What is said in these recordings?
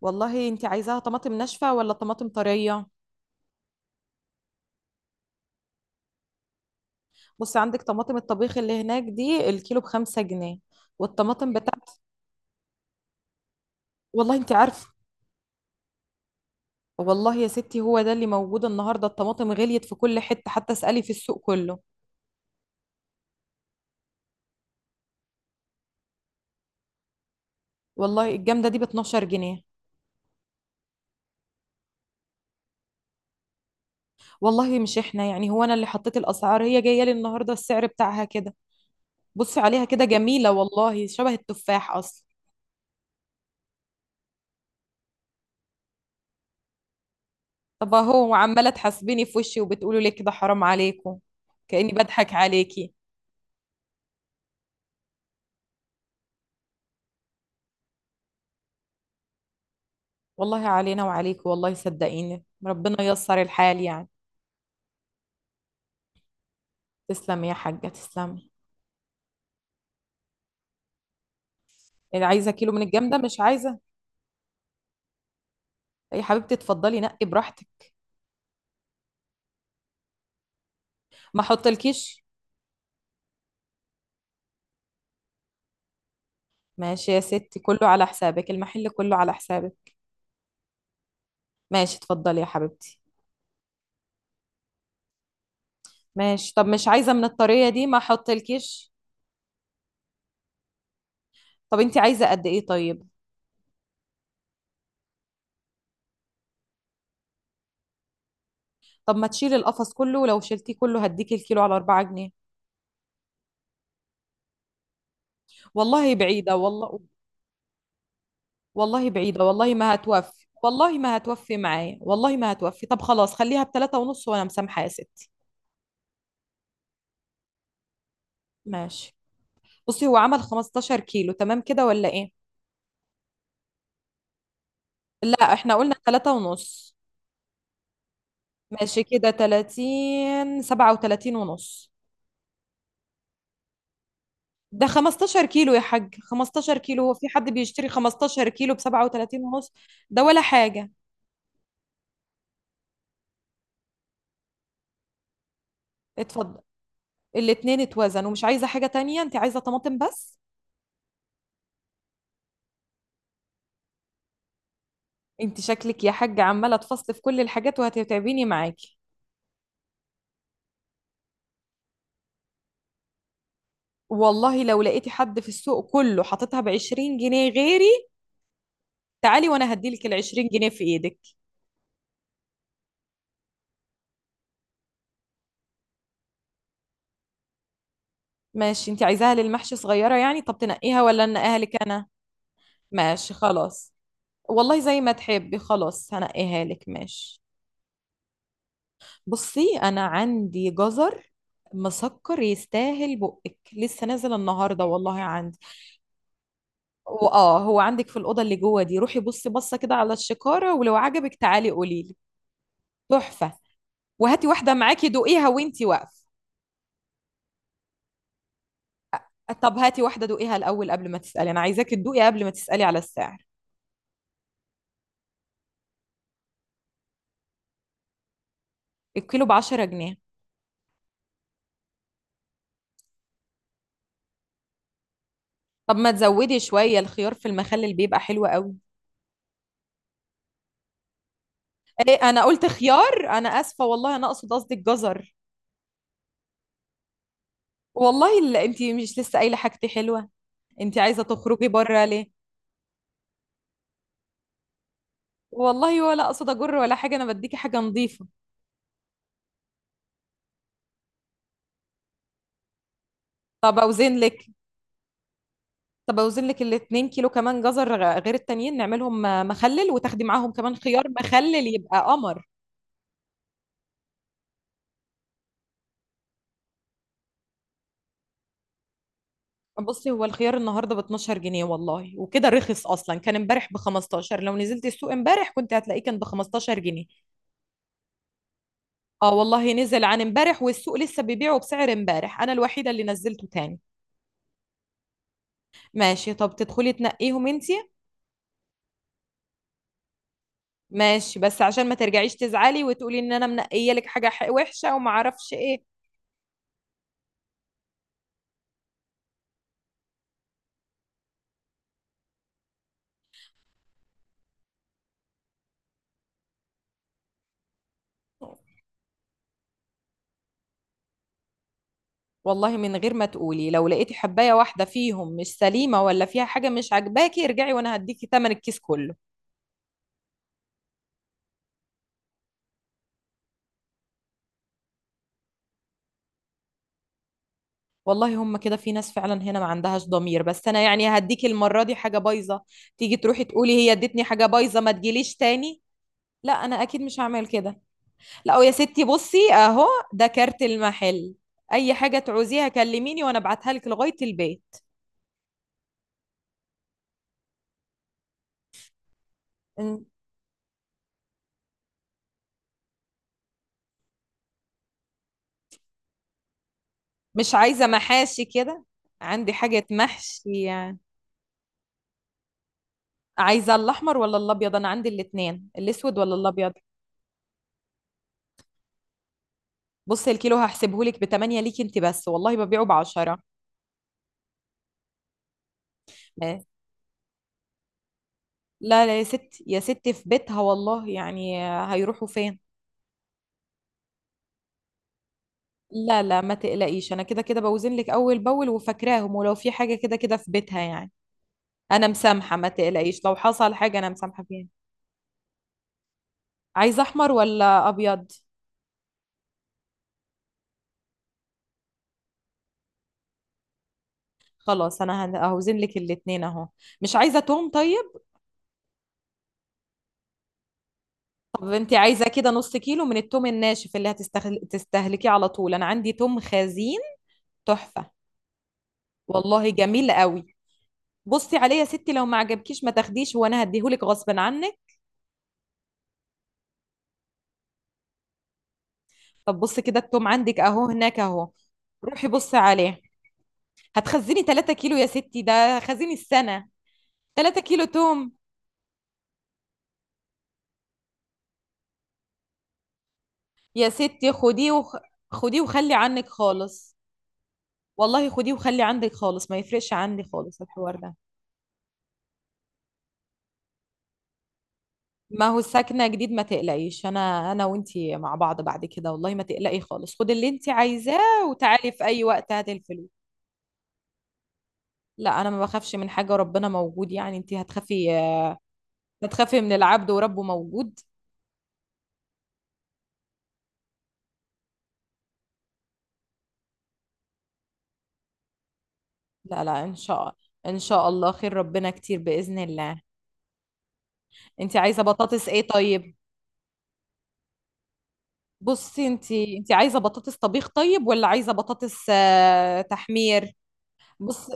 والله انت عايزاها طماطم ناشفة ولا طماطم طرية؟ بصي، عندك طماطم الطبيخ اللي هناك دي الكيلو بخمسة جنيه. والطماطم بتاعت... والله انت عارفة. والله يا ستي هو ده اللي موجود النهاردة، الطماطم غليت في كل حتة، حتى اسألي في السوق كله. والله الجامدة دي ب 12 جنيه. والله مش احنا، يعني هو انا اللي حطيت الاسعار؟ هي جاية لي النهاردة السعر بتاعها كده. بصي عليها كده، جميلة والله، شبه التفاح اصلا. طب اهو عمالة تحاسبيني في وشي وبتقولوا لي كده حرام عليكم؟ كأني بضحك عليكي. والله علينا وعليك، والله صدقيني ربنا ييسر الحال يعني. تسلمي يا حاجة تسلمي. اللي عايزة كيلو من الجمدة مش عايزة؟ يا حبيبتي اتفضلي نقي براحتك، ما احطلكيش. ماشي يا ستي، كله على حسابك، المحل كله على حسابك. ماشي اتفضلي يا حبيبتي. ماشي، طب مش عايزة من الطرية دي؟ ما احطلكيش. طب انت عايزة قد ايه طيب؟ طب ما تشيلي القفص كله، ولو شلتيه كله هديكي الكيلو على 4 جنيه. والله بعيدة والله، والله بعيدة والله ما هتوفي. والله ما هتوفي معايا، والله ما هتوفي. طب خلاص، خليها بتلاتة ونص وأنا مسامحة يا ستي. ماشي. بصي هو عمل 15 كيلو، تمام كده ولا إيه؟ لا إحنا قلنا تلاتة ونص. ماشي كده، 30، 37 ونص. ده 15 كيلو يا حاج، 15 كيلو، هو في حد بيشتري 15 كيلو ب 37 ونص؟ ده ولا حاجة. اتفضل. الاتنين اتوزن، ومش عايزة حاجة تانية؟ انت عايزة طماطم بس؟ انت شكلك يا حاج عمالة تفصل في كل الحاجات وهتتعبيني معاكي. والله لو لقيتي حد في السوق كله حاططها ب 20 جنيه غيري، تعالي وانا هديلك ال 20 جنيه في ايدك. ماشي، انت عايزاها للمحشي صغيره يعني؟ طب تنقيها ولا انقيها لك انا؟ ماشي خلاص. والله زي ما تحبي، خلاص هنقيها لك، ماشي. بصي انا عندي جزر مسكر يستاهل بقك، لسه نازل النهارده والله عندي. واه هو عندك في الاوضه اللي جوه دي، روحي بصي، بصه كده على الشكاره، ولو عجبك تعالي قولي لي. تحفه. وهاتي واحده معاكي دوقيها وانتي واقفه. طب هاتي واحدة دوقيها الأول قبل ما تسألي، أنا عايزاكي تدوقي قبل ما تسألي على السعر. الكيلو بعشرة جنيه. طب ما تزودي شوية الخيار في المخلل بيبقى حلو قوي. إيه أنا قلت خيار؟ أنا آسفة والله، أنا أقصد، قصدي الجزر. والله اللي أنت مش لسه قايلة حاجتي حلوة؟ أنت عايزة تخرجي بره ليه؟ والله ولا أقصد أجر ولا حاجة، أنا بديكي حاجة نظيفة. طب أوزن لك، طب أوزن لك الاتنين كيلو كمان جزر غير التانيين نعملهم مخلل، وتاخدي معاهم كمان خيار مخلل يبقى قمر. بصي هو الخيار النهارده ب 12 جنيه والله، وكده رخص اصلا، كان امبارح ب 15، لو نزلت السوق امبارح كنت هتلاقيه كان ب 15 جنيه. اه والله نزل عن امبارح، والسوق لسه بيبيعه بسعر امبارح، انا الوحيده اللي نزلته تاني. ماشي، طب تدخلي تنقيهم انتي؟ ماشي، بس عشان ما ترجعيش تزعلي وتقولي ان انا منقيه لك حاجه وحشه وما اعرفش ايه. والله من غير ما تقولي، لو لقيتي حبايه واحده فيهم مش سليمه ولا فيها حاجه مش عاجباكي ارجعي وانا هديكي تمن الكيس كله. والله هم كده، في ناس فعلا هنا ما عندهاش ضمير، بس انا يعني هديك المرة دي حاجة بايظة تيجي تروحي تقولي هي ادتني حاجة بايظة ما تجيليش تاني؟ لا انا اكيد مش هعمل كده. لا يا ستي، بصي اهو، ده كارت المحل، اي حاجة تعوزيها كلميني وانا ابعتها لك لغاية البيت. م- مش عايزة محاشي كده؟ عندي حاجة محشي يعني. عايزة الاحمر ولا الابيض؟ انا عندي الاتنين، الاسود ولا الابيض؟ بصي الكيلو هحسبهولك ب 8 ليكي انت بس، والله ببيعه ب 10. لا لا يا ستي، يا ستي في بيتها والله يعني، هيروحوا فين؟ لا لا ما تقلقيش، انا كده كده بوزن لك اول باول وفاكراهم، ولو في حاجه كده كده في بيتها يعني. انا مسامحه، ما تقلقيش، لو حصل حاجه انا مسامحه فيها. عايزه احمر ولا ابيض؟ خلاص انا هوزن لك الاتنين اهو. مش عايزه توم طيب؟ طب انت عايزه كده نص كيلو من التوم الناشف اللي تستهلكيه على طول؟ انا عندي توم خزين، تحفه والله، جميل قوي. بصي عليه يا ستي، لو ما عجبكيش ما تاخديش، وانا هديهولك غصب عنك. طب بص كده التوم عندك اهو هناك اهو، روحي بصي عليه. هتخزني 3 كيلو يا ستي؟ ده خزيني السنة، 3 كيلو توم! يا ستي خديه وخلي عنك خالص. والله خديه وخلي عندك خالص، ما يفرقش عندي خالص الحوار ده. ما هو ساكنة جديد، ما تقلقيش، انا انا وانتي مع بعض بعد كده، والله ما تقلقي خالص، خدي اللي انتي عايزاه وتعالي في اي وقت هاتي الفلوس. لا انا ما بخافش من حاجة، ربنا موجود، يعني انتي هتخافي؟ هتخافي من العبد وربه موجود؟ لا لا ان شاء ان شاء الله خير، ربنا كتير باذن الله. انت عايزه بطاطس ايه طيب؟ بصي، انت عايزه بطاطس طبيخ طيب ولا عايزه بطاطس آه، تحمير؟ بص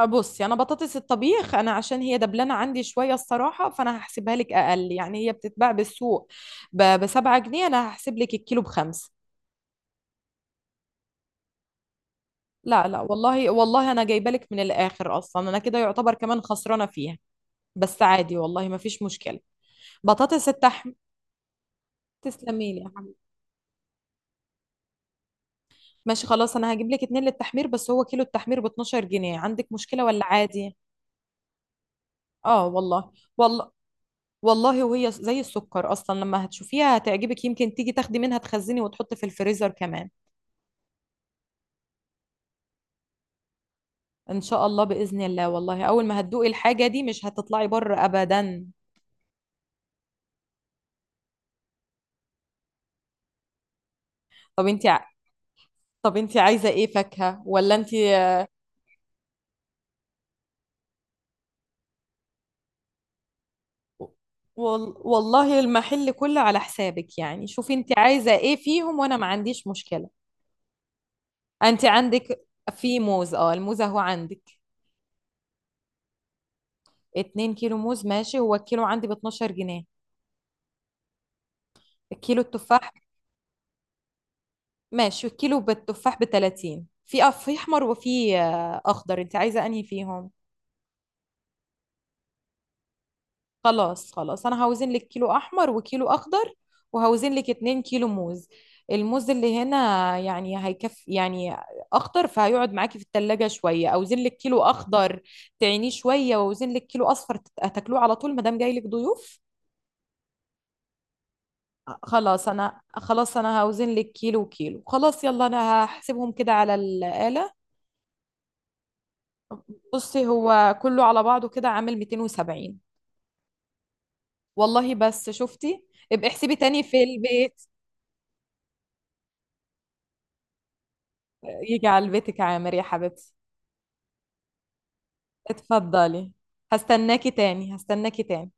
آه، بصي انا بطاطس الطبيخ، انا عشان هي دبلانه عندي شويه الصراحه، فانا هحسبها لك اقل، يعني هي بتتباع بالسوق بسبعة جنيه، انا هحسب لك الكيلو بخمسة. لا لا والله والله، انا جايبه لك من الاخر اصلا، انا كده يعتبر كمان خسرانه فيها، بس عادي والله ما فيش مشكله. بطاطس التحمير، تسلمي لي. ماشي خلاص، انا هجيب لك اتنين للتحمير، بس هو كيلو التحمير ب 12 جنيه، عندك مشكلة ولا عادي؟ اه والله، والله، والله. وهي زي السكر اصلا، لما هتشوفيها هتعجبك، يمكن تيجي تاخدي منها تخزني وتحطي في الفريزر كمان. ان شاء الله باذن الله، والله اول ما هتدوقي الحاجة دي مش هتطلعي بره ابدا. طب انت ع... طب انت عايزة ايه فاكهة ولا انت... والله المحل كله على حسابك يعني، شوفي انت عايزة ايه فيهم وانا ما عنديش مشكلة. انت عندك... في موز، اه الموز اهو عندك. 2 كيلو موز، ماشي، هو الكيلو عندي ب 12 جنيه. الكيلو التفاح، ماشي، الكيلو بالتفاح ب 30، في في احمر وفي آه، اخضر، انت عايزه انهي فيهم؟ خلاص خلاص انا هوزن لك كيلو احمر وكيلو اخضر، وهوزن لك 2 كيلو موز. الموز اللي هنا، يعني هيكفي يعني. اخضر فهيقعد معاكي في التلاجة شويه، اوزن لك كيلو اخضر تعينيه شويه، واوزن لك كيلو اصفر هتاكلوه على طول ما دام جاي لك ضيوف. خلاص انا، خلاص انا هوزن لك كيلو كيلو، خلاص يلا انا هحسبهم كده على الآلة. بصي هو كله على بعضه كده عامل 270. والله بس، شفتي؟ ابقي احسبي تاني في البيت. يجي على بيتك عامر يا حبيبتي، اتفضلي. هستناكي تاني هستناكي تاني.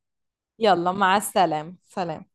يلا مع السلامة، سلام.